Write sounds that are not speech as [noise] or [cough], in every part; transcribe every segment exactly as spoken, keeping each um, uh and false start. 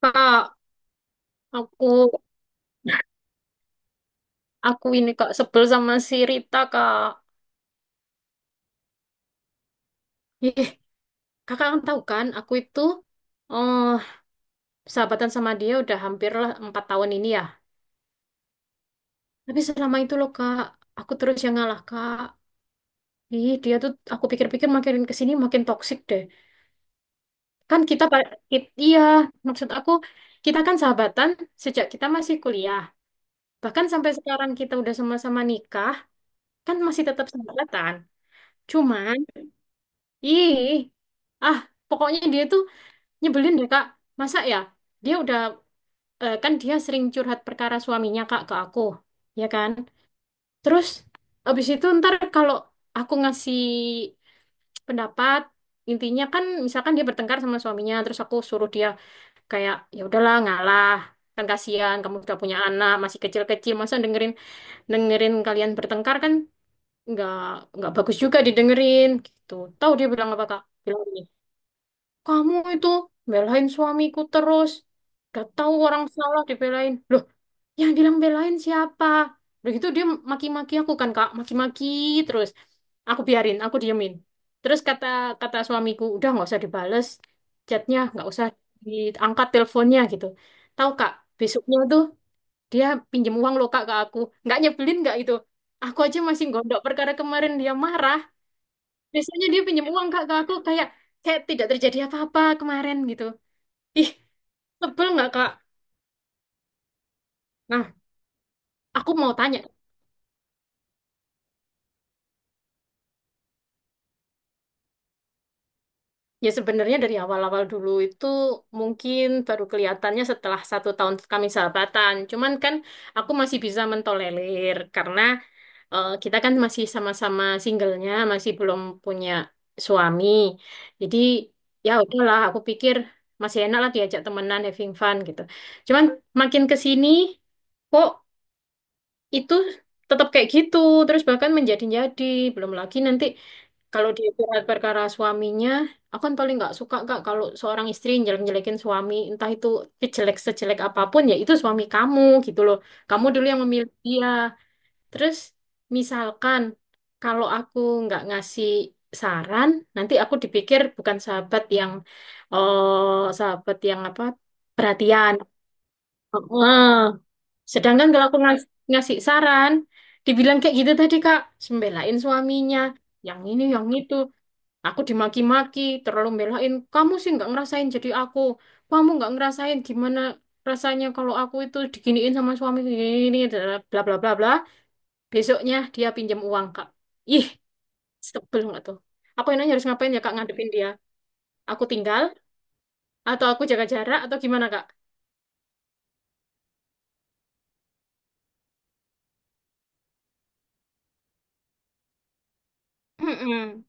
Kak, aku aku ini kak sebel sama si Rita kak. Ih, kakak kan tahu kan, aku itu eh sahabatan sama dia udah hampir lah empat tahun ini ya. Tapi selama itu loh kak, aku terus yang ngalah kak. Ih, dia tuh aku pikir-pikir makin kesini makin toksik deh. Kan kita, pa- i- iya maksud aku kita kan sahabatan sejak kita masih kuliah. Bahkan sampai sekarang kita udah sama-sama nikah, kan masih tetap sahabatan. Cuman, ih, ah pokoknya dia tuh nyebelin deh Kak. Masa ya? Dia udah eh, kan dia sering curhat perkara suaminya Kak ke aku, ya kan? Terus abis itu ntar kalau aku ngasih pendapat, intinya kan misalkan dia bertengkar sama suaminya, terus aku suruh dia kayak ya udahlah ngalah. Kan kasihan kamu udah punya anak, masih kecil-kecil, masa dengerin dengerin kalian bertengkar kan nggak nggak bagus juga didengerin gitu. Tahu dia bilang apa Kak? Bilang gini, Kamu itu belain suamiku terus. Gak tahu orang salah dibelain. Loh, yang bilang belain siapa? Begitu dia maki-maki aku kan, Kak. Maki-maki terus. Aku biarin, aku diemin. Terus kata kata suamiku, udah nggak usah dibales chatnya, nggak usah diangkat teleponnya gitu. Tahu Kak, besoknya tuh dia pinjem uang loh Kak ke aku. Nggak nyebelin nggak itu? Aku aja masih gondok perkara kemarin dia marah. Biasanya dia pinjem uang Kak ke aku kayak kayak tidak terjadi apa-apa kemarin gitu. Ih, tebel nggak Kak? Nah, aku mau tanya. Ya sebenarnya dari awal-awal dulu itu mungkin baru kelihatannya setelah satu tahun kami sahabatan. Cuman kan aku masih bisa mentolerir karena eh, kita kan masih sama-sama singlenya, masih belum punya suami. Jadi ya udahlah, aku pikir masih enak lah diajak temenan having fun gitu. Cuman makin ke sini kok itu tetap kayak gitu terus, bahkan menjadi-jadi. Belum lagi nanti kalau di surat perkara suaminya, aku kan paling nggak suka kak kalau seorang istri jelek-jelekin suami, entah itu jelek sejelek apapun ya itu suami kamu gitu loh, kamu dulu yang memilih dia. Terus misalkan kalau aku nggak ngasih saran, nanti aku dipikir bukan sahabat yang oh sahabat yang apa, perhatian. Sedangkan kalau aku ngas- ngasih saran, dibilang kayak gitu tadi Kak, sembelain suaminya, yang ini, yang itu. Aku dimaki-maki, terlalu belain. Kamu sih nggak ngerasain jadi aku. Kamu nggak ngerasain gimana rasanya kalau aku itu diginiin sama suami gini, bla bla bla bla. Besoknya dia pinjam uang Kak. Ih, sebel nggak tuh? Aku enaknya harus ngapain ya Kak ngadepin dia? Aku tinggal atau aku jaga jarak atau gimana Kak? Mm-mm.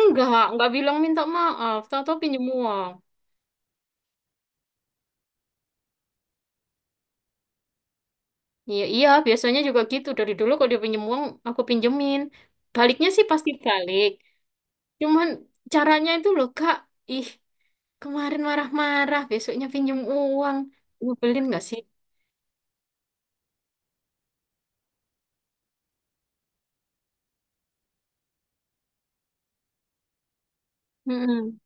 Enggak, enggak bilang minta maaf, tahu-tahu pinjam uang. Iya, iya, biasanya juga gitu. Dari dulu kalau dia pinjem uang, aku pinjemin. Baliknya sih pasti balik. Cuman caranya itu loh, Kak. Ih, kemarin marah-marah, besoknya pinjem uang. Nyebelin nggak sih? Mm-mm.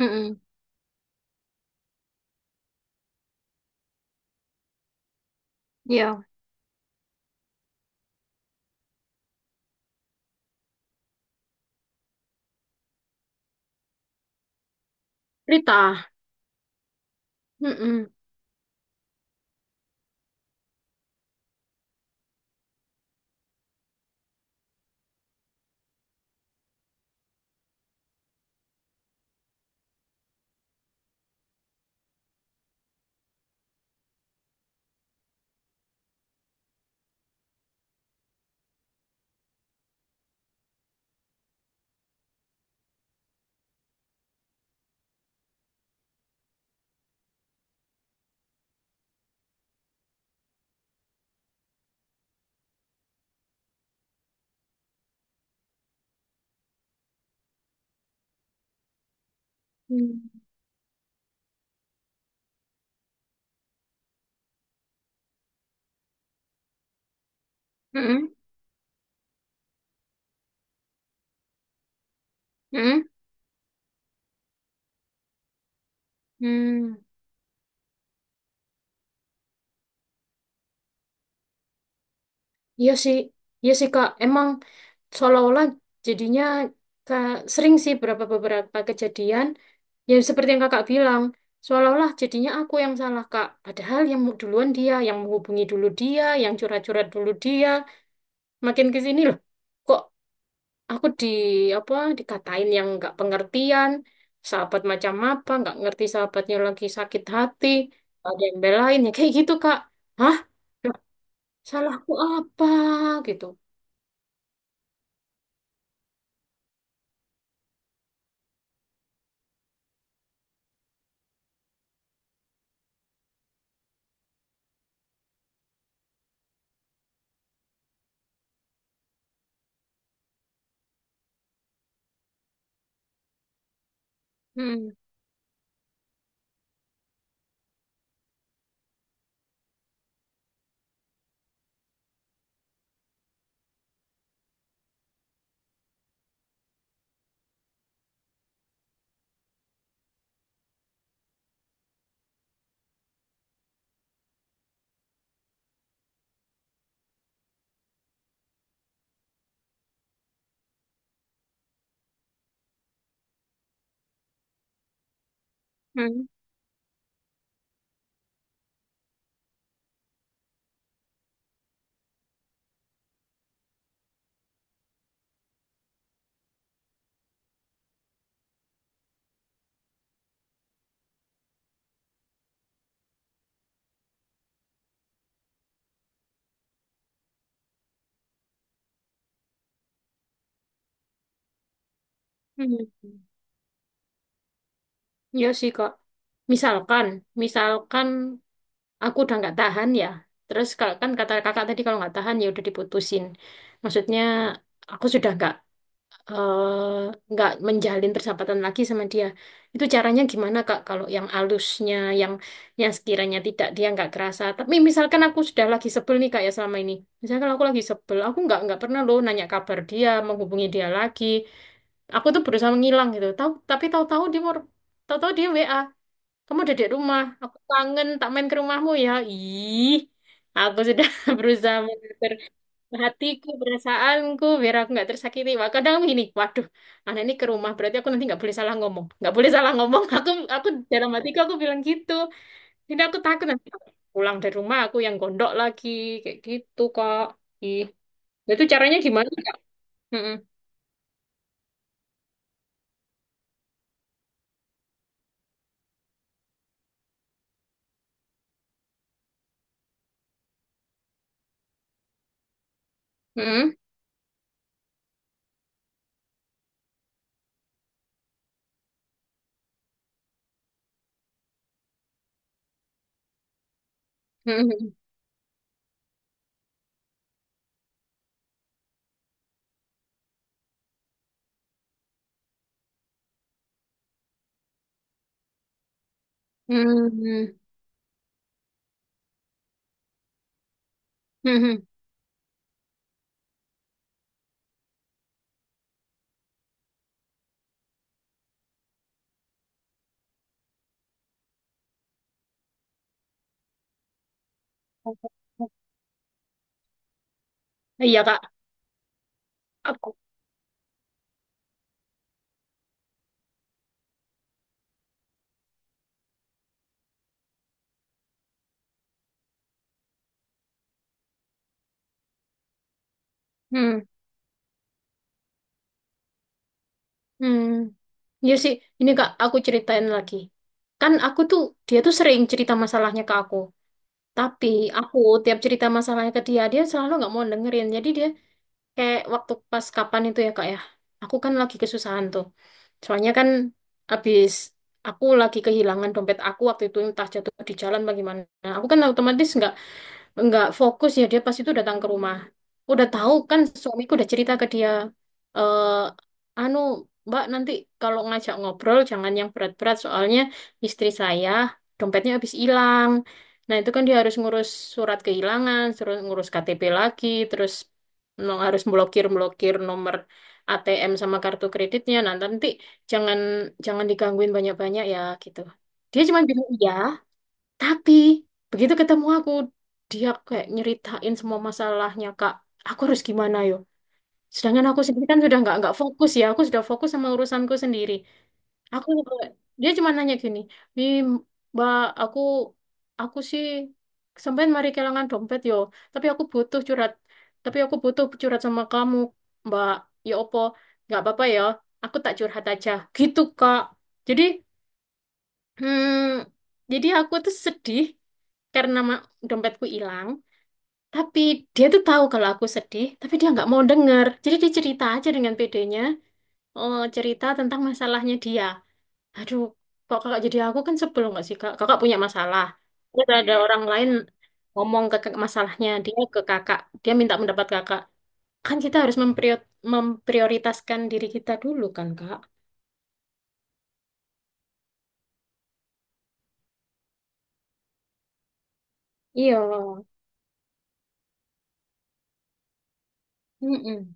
Mm-mm. Iya. Rita. Mm-mm. Mm. Mm-mm. Mm-mm. Mm. Iya sih, iya sih Kak. Emang seolah-olah jadinya Kak, sering sih beberapa beberapa kejadian yang seperti yang Kakak bilang, seolah-olah jadinya aku yang salah Kak. Padahal yang mu- duluan dia, yang menghubungi dulu dia, yang curhat-curhat dulu dia. Makin ke sini loh, kok aku di apa dikatain yang nggak pengertian, sahabat macam apa, nggak ngerti sahabatnya lagi sakit hati, nggak ada yang belain ya kayak gitu Kak. Hah? Loh, salahku apa gitu? Mm. Hmm. Hmm. Ya sih kok. Misalkan, misalkan aku udah nggak tahan ya. Terus kalau kan kata kakak tadi kalau nggak tahan ya udah diputusin. Maksudnya aku sudah nggak eh, nggak menjalin persahabatan lagi sama dia. Itu caranya gimana Kak? Kalau yang alusnya, yang yang sekiranya tidak dia nggak kerasa. Tapi misalkan aku sudah lagi sebel nih Kak ya selama ini. Misalkan aku lagi sebel, aku nggak nggak pernah loh nanya kabar dia, menghubungi dia lagi. Aku tuh berusaha menghilang gitu. Tahu tapi tahu-tahu dia mau tahu-tahu dia W A. Kamu udah di rumah, aku kangen, tak main ke rumahmu ya. Ih, aku sudah [laughs] berusaha hatiku, perasaanku, biar aku nggak tersakiti. Wah, kadang gini, waduh, anak ini ke rumah, berarti aku nanti nggak boleh salah ngomong. Nggak boleh salah ngomong. [laughs] Aku, aku dalam hatiku aku bilang gitu. Jadi aku takut nanti pulang dari rumah aku yang gondok lagi, kayak gitu, Kak. Ih, nah, itu caranya gimana, Kak? Mm-mm. Mm-mm. Mm-mm. Mm-mm. Mm-mm. Iya, Kak. Aku. Hmm. Hmm. Iya sih, ini Kak, aku ceritain lagi. Kan aku tuh, dia tuh sering cerita masalahnya ke aku. Tapi aku tiap cerita masalahnya ke dia, dia selalu nggak mau dengerin. Jadi dia kayak waktu pas kapan itu ya kak ya, aku kan lagi kesusahan tuh. Soalnya kan abis aku lagi kehilangan dompet aku waktu itu entah jatuh di jalan bagaimana. Aku kan otomatis nggak nggak fokus ya dia pas itu datang ke rumah. Udah tahu kan suamiku udah cerita ke dia, eh anu Mbak nanti kalau ngajak ngobrol jangan yang berat-berat soalnya istri saya dompetnya habis hilang. Nah itu kan dia harus ngurus surat kehilangan, terus ngurus K T P lagi, terus no- harus blokir-blokir nomor A T M sama kartu kreditnya. Nah nanti jangan jangan digangguin banyak-banyak ya gitu. Dia cuma bilang iya, tapi begitu ketemu aku, dia kayak nyeritain semua masalahnya, Kak. Aku harus gimana yo? Sedangkan aku sendiri kan sudah nggak nggak fokus ya. Aku sudah fokus sama urusanku sendiri. Aku dia cuma nanya gini, "Wi, Mbak, aku aku sih sampean mari kehilangan dompet yo, tapi aku butuh curhat. Tapi aku butuh curhat sama kamu, Mbak. Ya opo, nggak apa-apa ya. Aku tak curhat aja." Gitu, Kak. Jadi, hmm, jadi aku tuh sedih karena ma- dompetku hilang. Tapi dia tuh tahu kalau aku sedih, tapi dia nggak mau denger. Jadi dia cerita aja dengan pedenya, oh, cerita tentang masalahnya dia. Aduh, kok kakak jadi aku kan sebel nggak sih kak? Kakak punya masalah. Terus ada orang lain ngomong ke ke- masalahnya dia ke kakak, dia minta pendapat kakak. Kan kita harus memprior- memprioritaskan diri kita dulu kan kak? Iya. Mm-mm.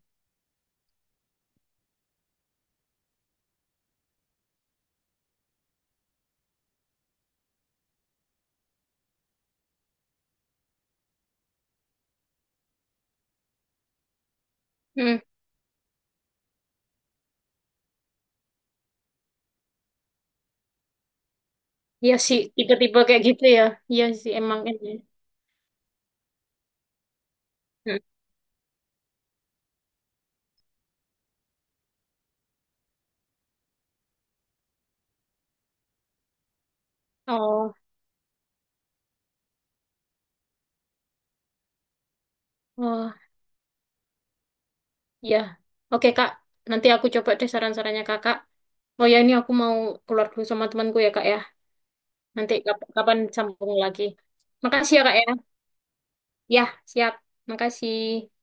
Mm. Iya sih, tiba-tiba kayak gitu ya. Iya sih, emang ini. Mm. Oh. Oh. Ya, oke Kak. Nanti aku coba deh saran-sarannya Kakak. Oh ya, ini aku mau keluar dulu sama temanku ya Kak ya. Nanti kap- kapan sambung lagi. Makasih ya Kak ya. Ya, siap. Makasih.